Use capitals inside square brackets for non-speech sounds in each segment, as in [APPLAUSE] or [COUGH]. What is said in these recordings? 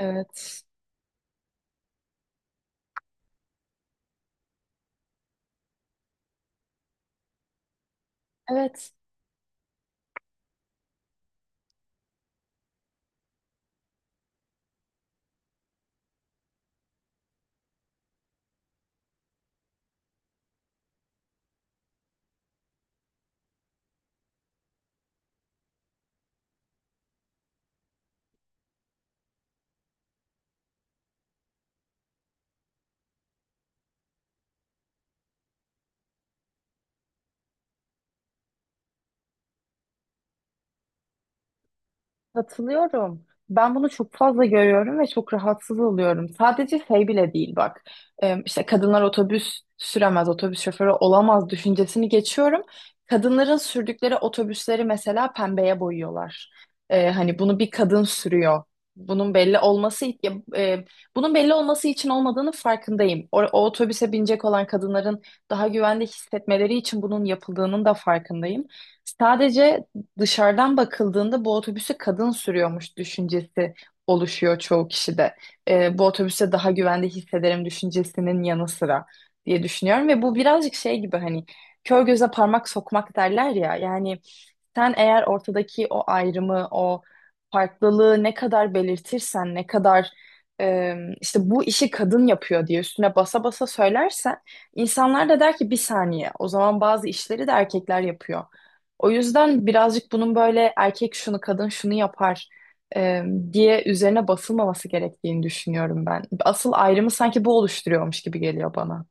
Evet. Evet, katılıyorum. Ben bunu çok fazla görüyorum ve çok rahatsız oluyorum. Sadece şey bile değil bak. İşte kadınlar otobüs süremez, otobüs şoförü olamaz düşüncesini geçiyorum. Kadınların sürdükleri otobüsleri mesela pembeye boyuyorlar. Hani bunu bir kadın sürüyor. Bunun belli olması ya, e, bunun belli olması için olmadığını farkındayım. O otobüse binecek olan kadınların daha güvende hissetmeleri için bunun yapıldığının da farkındayım. Sadece dışarıdan bakıldığında bu otobüsü kadın sürüyormuş düşüncesi oluşuyor çoğu kişide. Bu otobüse daha güvende hissederim düşüncesinin yanı sıra diye düşünüyorum ve bu birazcık şey gibi hani kör göze parmak sokmak derler ya yani sen eğer ortadaki o ayrımı, o farklılığı ne kadar belirtirsen, ne kadar e, işte bu işi kadın yapıyor diye üstüne basa basa söylersen, insanlar da der ki bir saniye, o zaman bazı işleri de erkekler yapıyor. O yüzden birazcık bunun böyle erkek şunu, kadın şunu yapar e, diye üzerine basılmaması gerektiğini düşünüyorum ben. Asıl ayrımı sanki bu oluşturuyormuş gibi geliyor bana.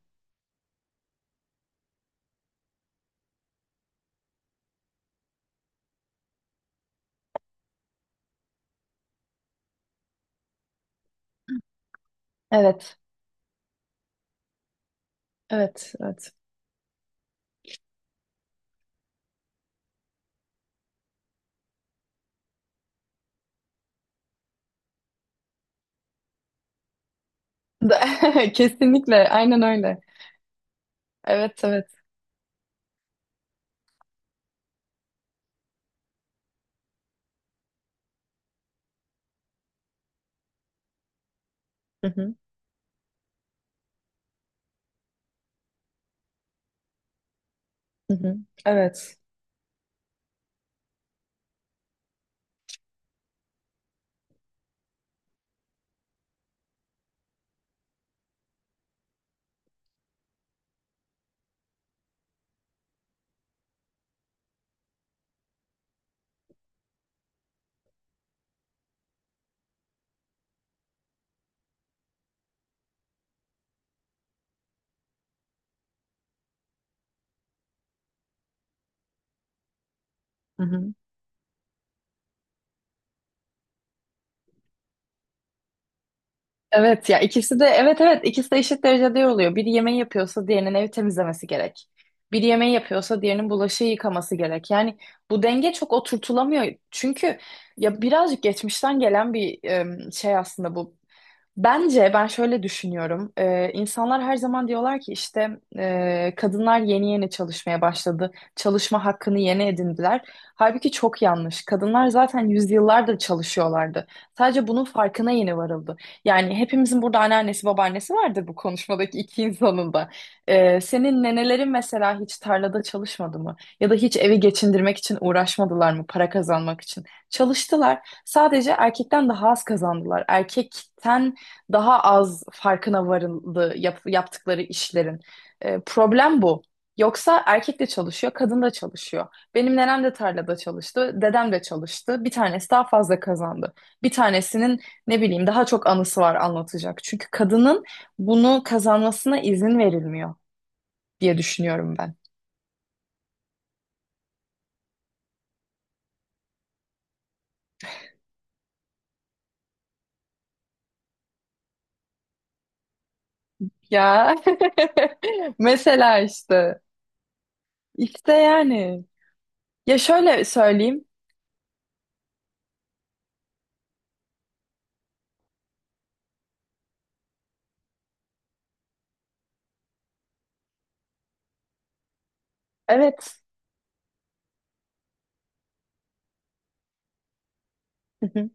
Evet, evet, evet. [LAUGHS] Kesinlikle, aynen öyle. Evet, evet. Hı hı. Hı hı. Evet. Hı hı. Evet ya, ikisi de evet evet ikisi de eşit derecede oluyor. Biri yemeği yapıyorsa diğerinin evi temizlemesi gerek. Biri yemeği yapıyorsa diğerinin bulaşığı yıkaması gerek. Yani bu denge çok oturtulamıyor. Çünkü ya birazcık geçmişten gelen bir şey aslında bu. Bence ben şöyle düşünüyorum. İnsanlar her zaman diyorlar ki işte kadınlar yeni yeni çalışmaya başladı. Çalışma hakkını yeni edindiler. Halbuki çok yanlış. Kadınlar zaten yüzyıllardır çalışıyorlardı. Sadece bunun farkına yeni varıldı. Yani hepimizin burada anneannesi babaannesi vardır, bu konuşmadaki iki insanın da. Senin nenelerin mesela hiç tarlada çalışmadı mı? Ya da hiç evi geçindirmek için uğraşmadılar mı? Para kazanmak için. Çalıştılar. Sadece erkekten daha az kazandılar. Erkekten daha az farkına varıldı yaptıkları işlerin. Problem bu. Yoksa erkek de çalışıyor, kadın da çalışıyor. Benim nenem de tarlada çalıştı, dedem de çalıştı. Bir tanesi daha fazla kazandı. Bir tanesinin ne bileyim daha çok anısı var anlatacak. Çünkü kadının bunu kazanmasına izin verilmiyor diye düşünüyorum ben. Ya [LAUGHS] mesela işte yani ya şöyle söyleyeyim. Evet. Hı hı.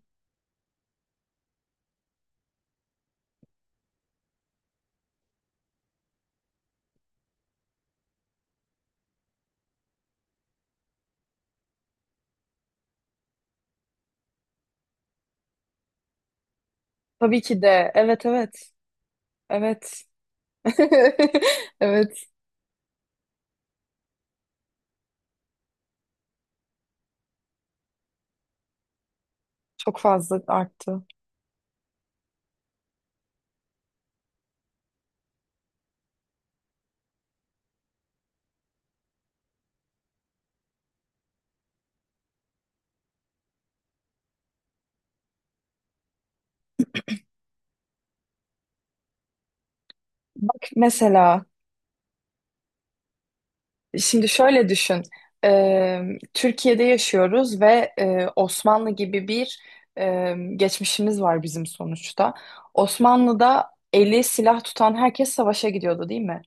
Tabii ki de. Evet, evet. Evet. [LAUGHS] Evet, çok fazla arttı. Mesela şimdi şöyle düşün. Ee, Türkiye'de yaşıyoruz ve Osmanlı gibi bir geçmişimiz var bizim sonuçta. Osmanlı'da eli silah tutan herkes savaşa gidiyordu, değil mi?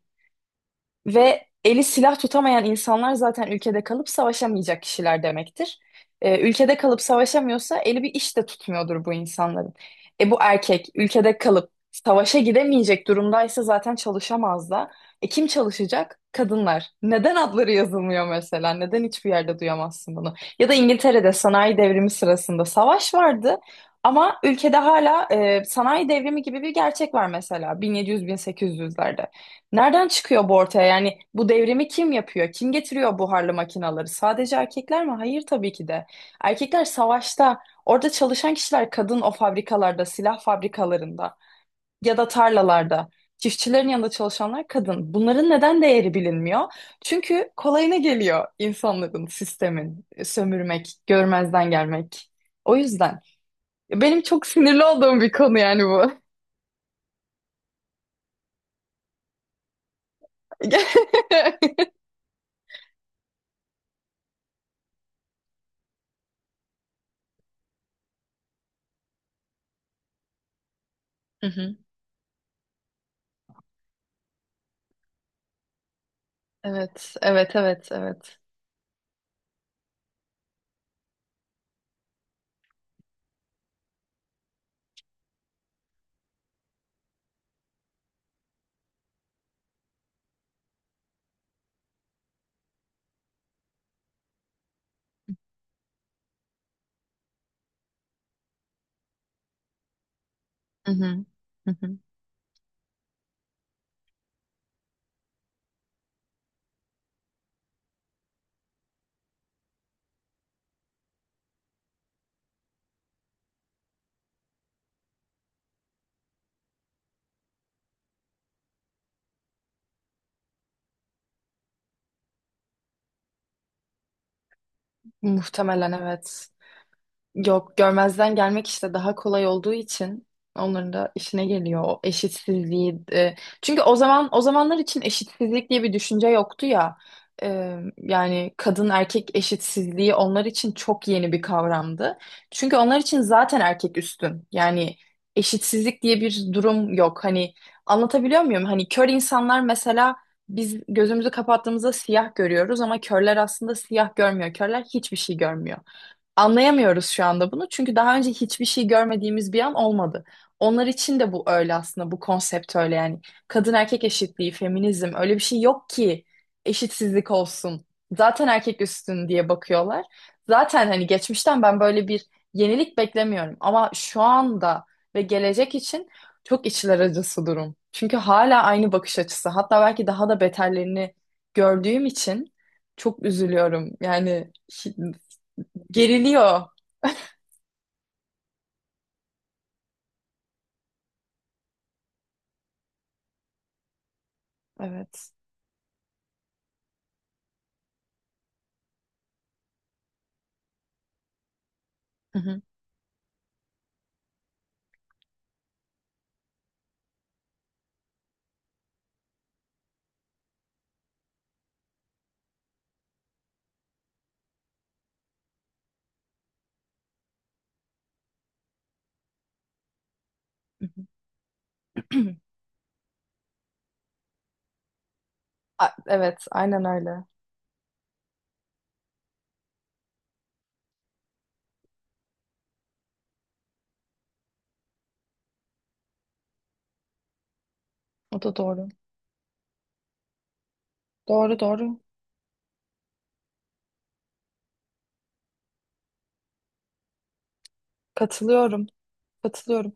Ve eli silah tutamayan insanlar zaten ülkede kalıp savaşamayacak kişiler demektir. Ülkede kalıp savaşamıyorsa eli bir iş de tutmuyordur bu insanların. E bu erkek ülkede kalıp savaşa gidemeyecek durumdaysa zaten çalışamaz da. E kim çalışacak? Kadınlar. Neden adları yazılmıyor mesela? Neden hiçbir yerde duyamazsın bunu? Ya da İngiltere'de sanayi devrimi sırasında savaş vardı. Ama ülkede hala sanayi devrimi gibi bir gerçek var mesela 1700-1800'lerde. Nereden çıkıyor bu ortaya? Yani bu devrimi kim yapıyor? Kim getiriyor buharlı makinaları? Sadece erkekler mi? Hayır, tabii ki de. Erkekler savaşta, orada çalışan kişiler kadın o fabrikalarda, silah fabrikalarında ya da tarlalarda. Çiftçilerin yanında çalışanlar kadın. Bunların neden değeri bilinmiyor? Çünkü kolayına geliyor insanların, sistemin, sömürmek, görmezden gelmek. O yüzden benim çok sinirli olduğum bir konu yani bu. [LAUGHS] Hı hı. Evet, evet, evet, evet. Hı hı. Hı hı. Muhtemelen evet. Yok, görmezden gelmek işte daha kolay olduğu için onların da işine geliyor o eşitsizliği. Çünkü o zaman, o zamanlar için eşitsizlik diye bir düşünce yoktu ya. Yani kadın erkek eşitsizliği onlar için çok yeni bir kavramdı. Çünkü onlar için zaten erkek üstün. Yani eşitsizlik diye bir durum yok. Hani anlatabiliyor muyum? Hani kör insanlar mesela biz gözümüzü kapattığımızda siyah görüyoruz ama körler aslında siyah görmüyor. Körler hiçbir şey görmüyor. Anlayamıyoruz şu anda bunu çünkü daha önce hiçbir şey görmediğimiz bir an olmadı. Onlar için de bu öyle aslında, bu konsept öyle yani. Kadın erkek eşitliği, feminizm öyle bir şey yok ki eşitsizlik olsun. Zaten erkek üstün diye bakıyorlar. Zaten hani geçmişten ben böyle bir yenilik beklemiyorum ama şu anda ve gelecek için çok içler acısı durum. Çünkü hala aynı bakış açısı. Hatta belki daha da beterlerini gördüğüm için çok üzülüyorum. Yani hi- geriliyor. Evet. Hı hı, hı hı. [CLEARS THROAT] Evet, aynen öyle. O da doğru. Doğru, doğru. Katılıyorum. Katılıyorum.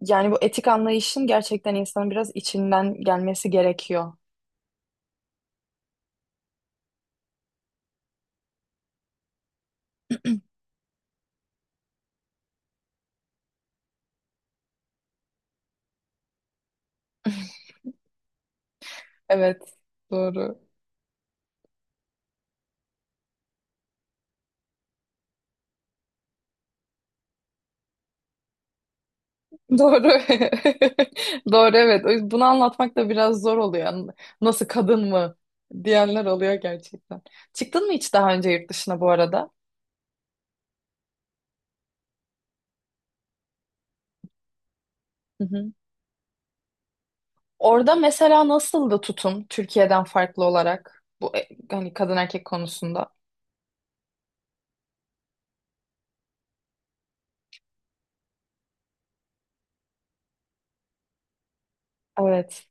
Yani bu etik anlayışın gerçekten insanın biraz içinden gelmesi gerekiyor. [LAUGHS] Evet, doğru. Doğru. [LAUGHS] Doğru, evet. O yüzden bunu anlatmak da biraz zor oluyor. Yani nasıl kadın mı diyenler oluyor gerçekten. Çıktın mı hiç daha önce yurt dışına bu arada? Hı hı. Orada mesela nasıldı tutum Türkiye'den farklı olarak bu hani kadın erkek konusunda? Evet.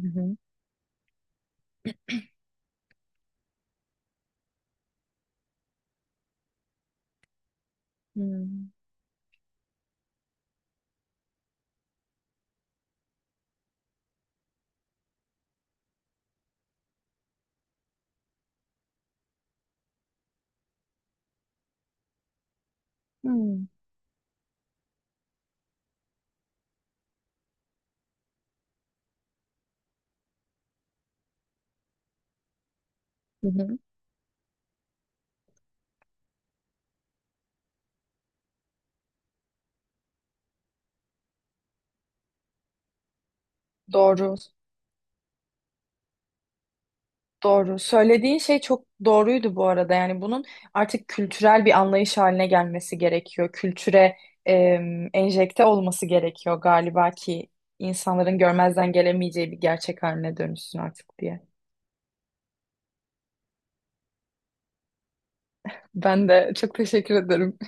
Hı hı. Hmm. Hmm. Hı hı. Doğru, doğru. Söylediğin şey çok doğruydu bu arada. Yani bunun artık kültürel bir anlayış haline gelmesi gerekiyor. Kültüre enjekte olması gerekiyor galiba ki insanların görmezden gelemeyeceği bir gerçek haline dönüşsün artık diye. Ben de çok teşekkür ederim.